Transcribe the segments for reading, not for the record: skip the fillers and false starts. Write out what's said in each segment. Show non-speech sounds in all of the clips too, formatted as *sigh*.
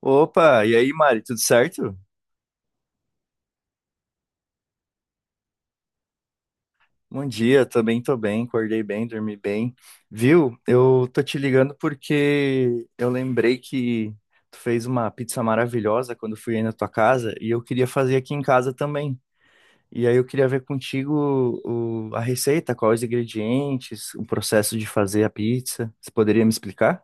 Opa, e aí, Mari, tudo certo? Bom dia, também tô bem, acordei bem, dormi bem. Viu? Eu tô te ligando porque eu lembrei que tu fez uma pizza maravilhosa quando eu fui aí na tua casa e eu queria fazer aqui em casa também. E aí eu queria ver contigo a receita, quais os ingredientes, o processo de fazer a pizza. Você poderia me explicar?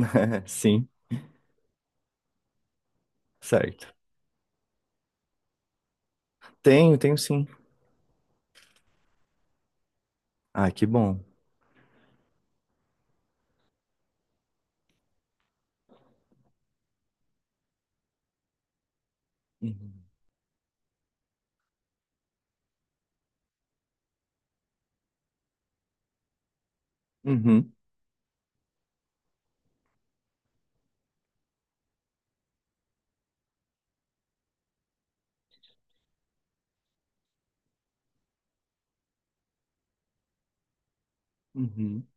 *laughs* Sim, certo. Tenho, tenho sim. Ah, que bom. Uhum. Uhum. Uhum.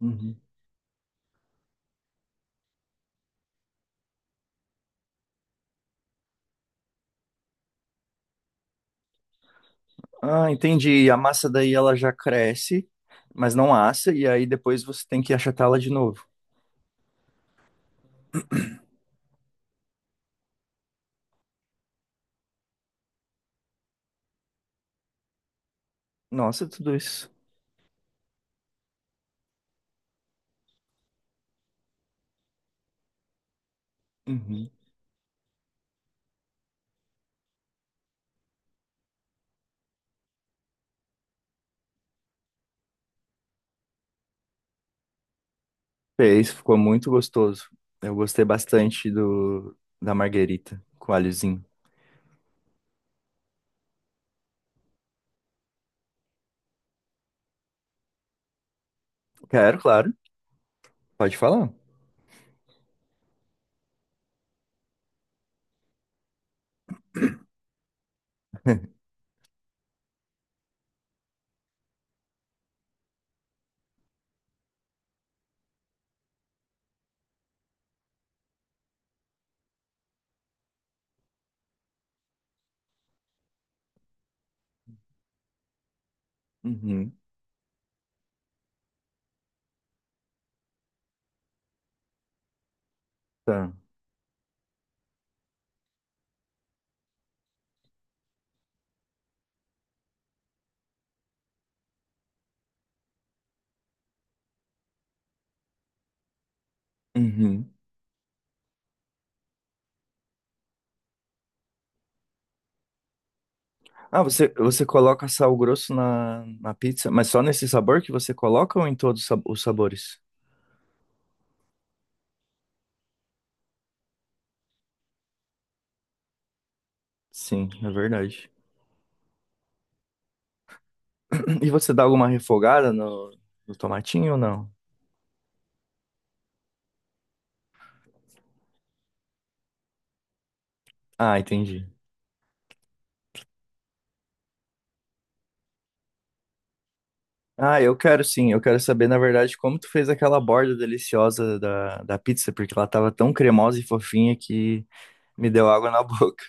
Uhum. Ah, entendi. A massa daí ela já cresce, mas não assa, e aí depois você tem que achatá-la de novo. Nossa, tudo isso. Uhum. Fez, ficou muito gostoso. Eu gostei bastante do da marguerita com alhozinho. Quero, claro. Pode falar. Uhum, tá. Uhum. Ah, você coloca sal grosso na pizza, mas só nesse sabor que você coloca ou em todos os os sabores? Sim, é verdade. *clears throat* E você dá alguma refogada no tomatinho ou não? Ah, entendi. Ah, eu quero sim. Eu quero saber, na verdade, como tu fez aquela borda deliciosa da pizza, porque ela tava tão cremosa e fofinha que me deu água na boca.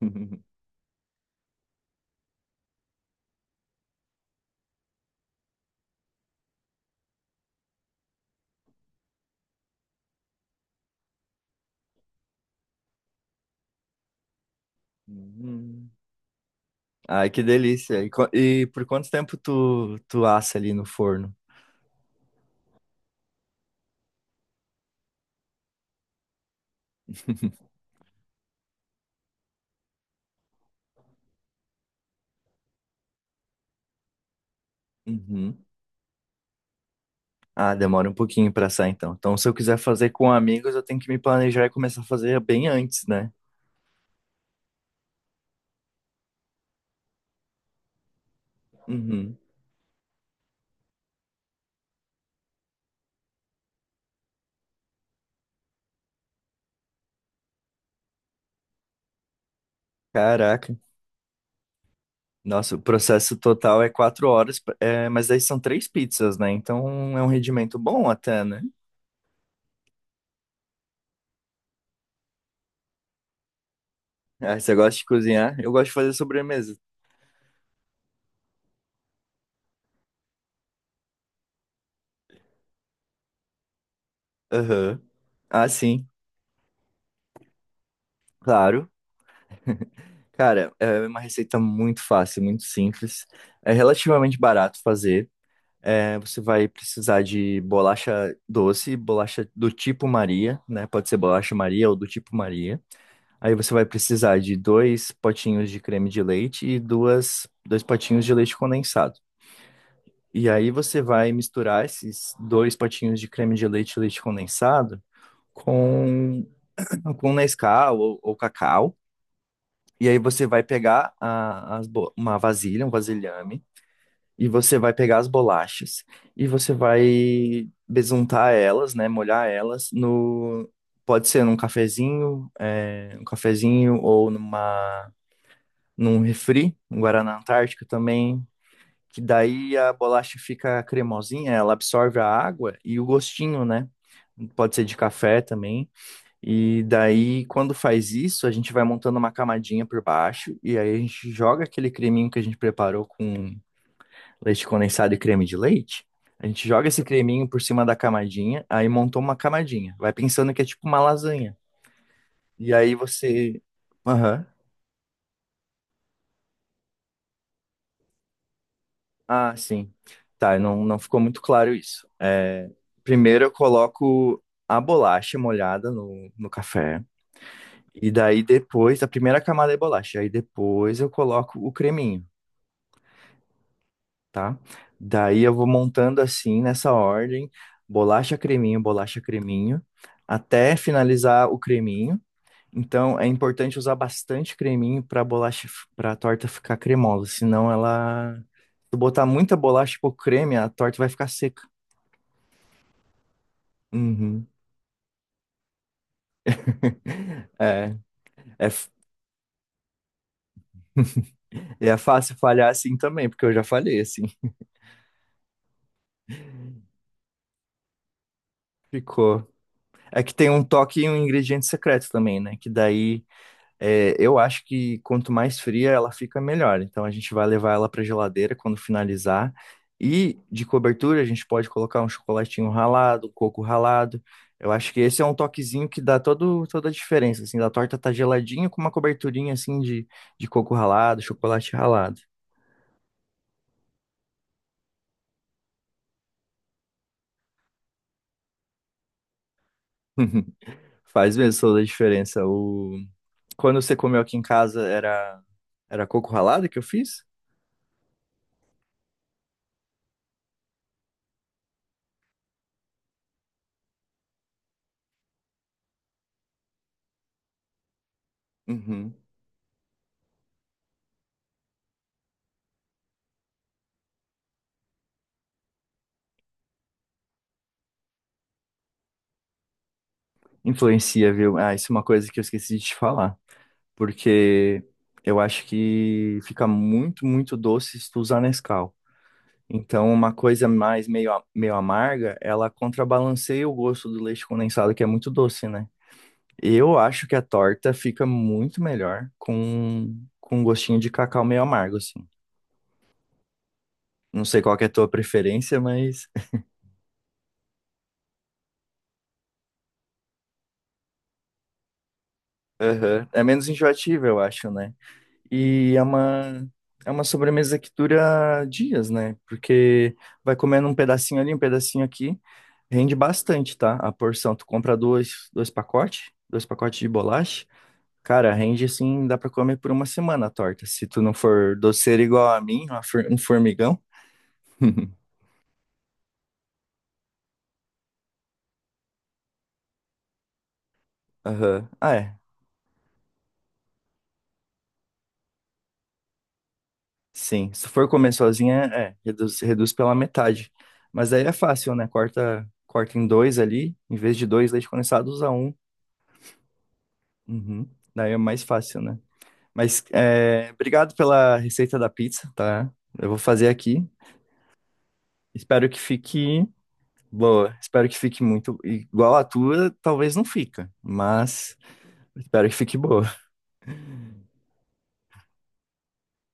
*laughs* Hum. Ai, que delícia. E, e por quanto tempo tu assa ali no forno? *laughs* Uhum. Ah, demora um pouquinho pra assar, então. Então, se eu quiser fazer com amigos, eu tenho que me planejar e começar a fazer bem antes, né? Uhum. Caraca, nossa, o processo total é 4 horas, é, mas aí são três pizzas, né? Então é um rendimento bom até, né? Ah, você gosta de cozinhar? Eu gosto de fazer sobremesa. Aham. Ah, sim, claro. Cara, é uma receita muito fácil, muito simples. É relativamente barato fazer. É, você vai precisar de bolacha doce, bolacha do tipo Maria, né? Pode ser bolacha Maria ou do tipo Maria. Aí você vai precisar de dois potinhos de creme de leite e duas, dois potinhos de leite condensado. E aí você vai misturar esses dois potinhos de creme de leite, leite condensado, com, com Nescau ou cacau. E aí você vai pegar uma vasilha, um vasilhame, e você vai pegar as bolachas e você vai besuntar elas, né, molhar elas no pode ser num cafezinho, é, um cafezinho ou num refri, um Guaraná Antártica também, que daí a bolacha fica cremosinha, ela absorve a água e o gostinho, né? Pode ser de café também. E daí, quando faz isso, a gente vai montando uma camadinha por baixo e aí a gente joga aquele creminho que a gente preparou com leite condensado e creme de leite. A gente joga esse creminho por cima da camadinha, aí montou uma camadinha. Vai pensando que é tipo uma lasanha. E aí você. Aham. Ah, sim. Tá, não, não ficou muito claro isso. É, primeiro eu coloco a bolacha molhada no café. E daí depois, a primeira camada é bolacha. Aí depois eu coloco o creminho, tá? Daí eu vou montando assim, nessa ordem: bolacha, creminho, até finalizar o creminho. Então é importante usar bastante creminho para bolacha, para a torta ficar cremosa, senão ela. Se tu botar muita bolacha e pouco creme, a torta vai ficar seca. Uhum. *laughs* É, é, f- e é fácil falhar assim também, porque eu já falhei assim. Ficou. É que tem um toque e um ingrediente secreto também, né? Que daí é, eu acho que quanto mais fria ela fica, melhor. Então a gente vai levar ela para geladeira quando finalizar. E de cobertura a gente pode colocar um chocolatinho ralado, um coco ralado. Eu acho que esse é um toquezinho que dá todo, toda a diferença, assim, da torta tá geladinha com uma coberturinha assim de coco ralado, chocolate ralado. *laughs* Faz mesmo toda a diferença. Quando você comeu aqui em casa, era coco ralado que eu fiz? Uhum. Influencia, viu? Ah, isso é uma coisa que eu esqueci de te falar. Porque eu acho que fica muito, muito doce se tu usar Nescau. Então, uma coisa mais meio, meio amarga, ela contrabalanceia o gosto do leite condensado, que é muito doce, né? Eu acho que a torta fica muito melhor com um gostinho de cacau meio amargo, assim. Não sei qual que é a tua preferência, mas aham. É menos enjoativo, eu acho, né? E é uma sobremesa que dura dias, né? Porque vai comendo um pedacinho ali, um pedacinho aqui, rende bastante, tá? A porção, tu compra dois, pacotes, dois pacotes de bolacha, cara, rende assim, dá pra comer por uma semana a torta, se tu não for doceiro igual a mim, um formigão. *laughs* Aham. Ah, é. Sim, se for comer sozinha, é, reduz pela metade. Mas aí é fácil, né? Corta em dois ali, em vez de dois leite condensado, usa um. Uhum. Daí é mais fácil, né? Mas é, obrigado pela receita da pizza, tá? Eu vou fazer aqui. Espero que fique boa. Espero que fique muito igual a tua, talvez não fica, mas espero que fique boa. *laughs*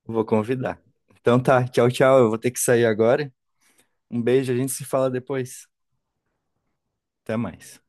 Vou convidar. Então tá, tchau, tchau. Eu vou ter que sair agora. Um beijo, a gente se fala depois. Até mais.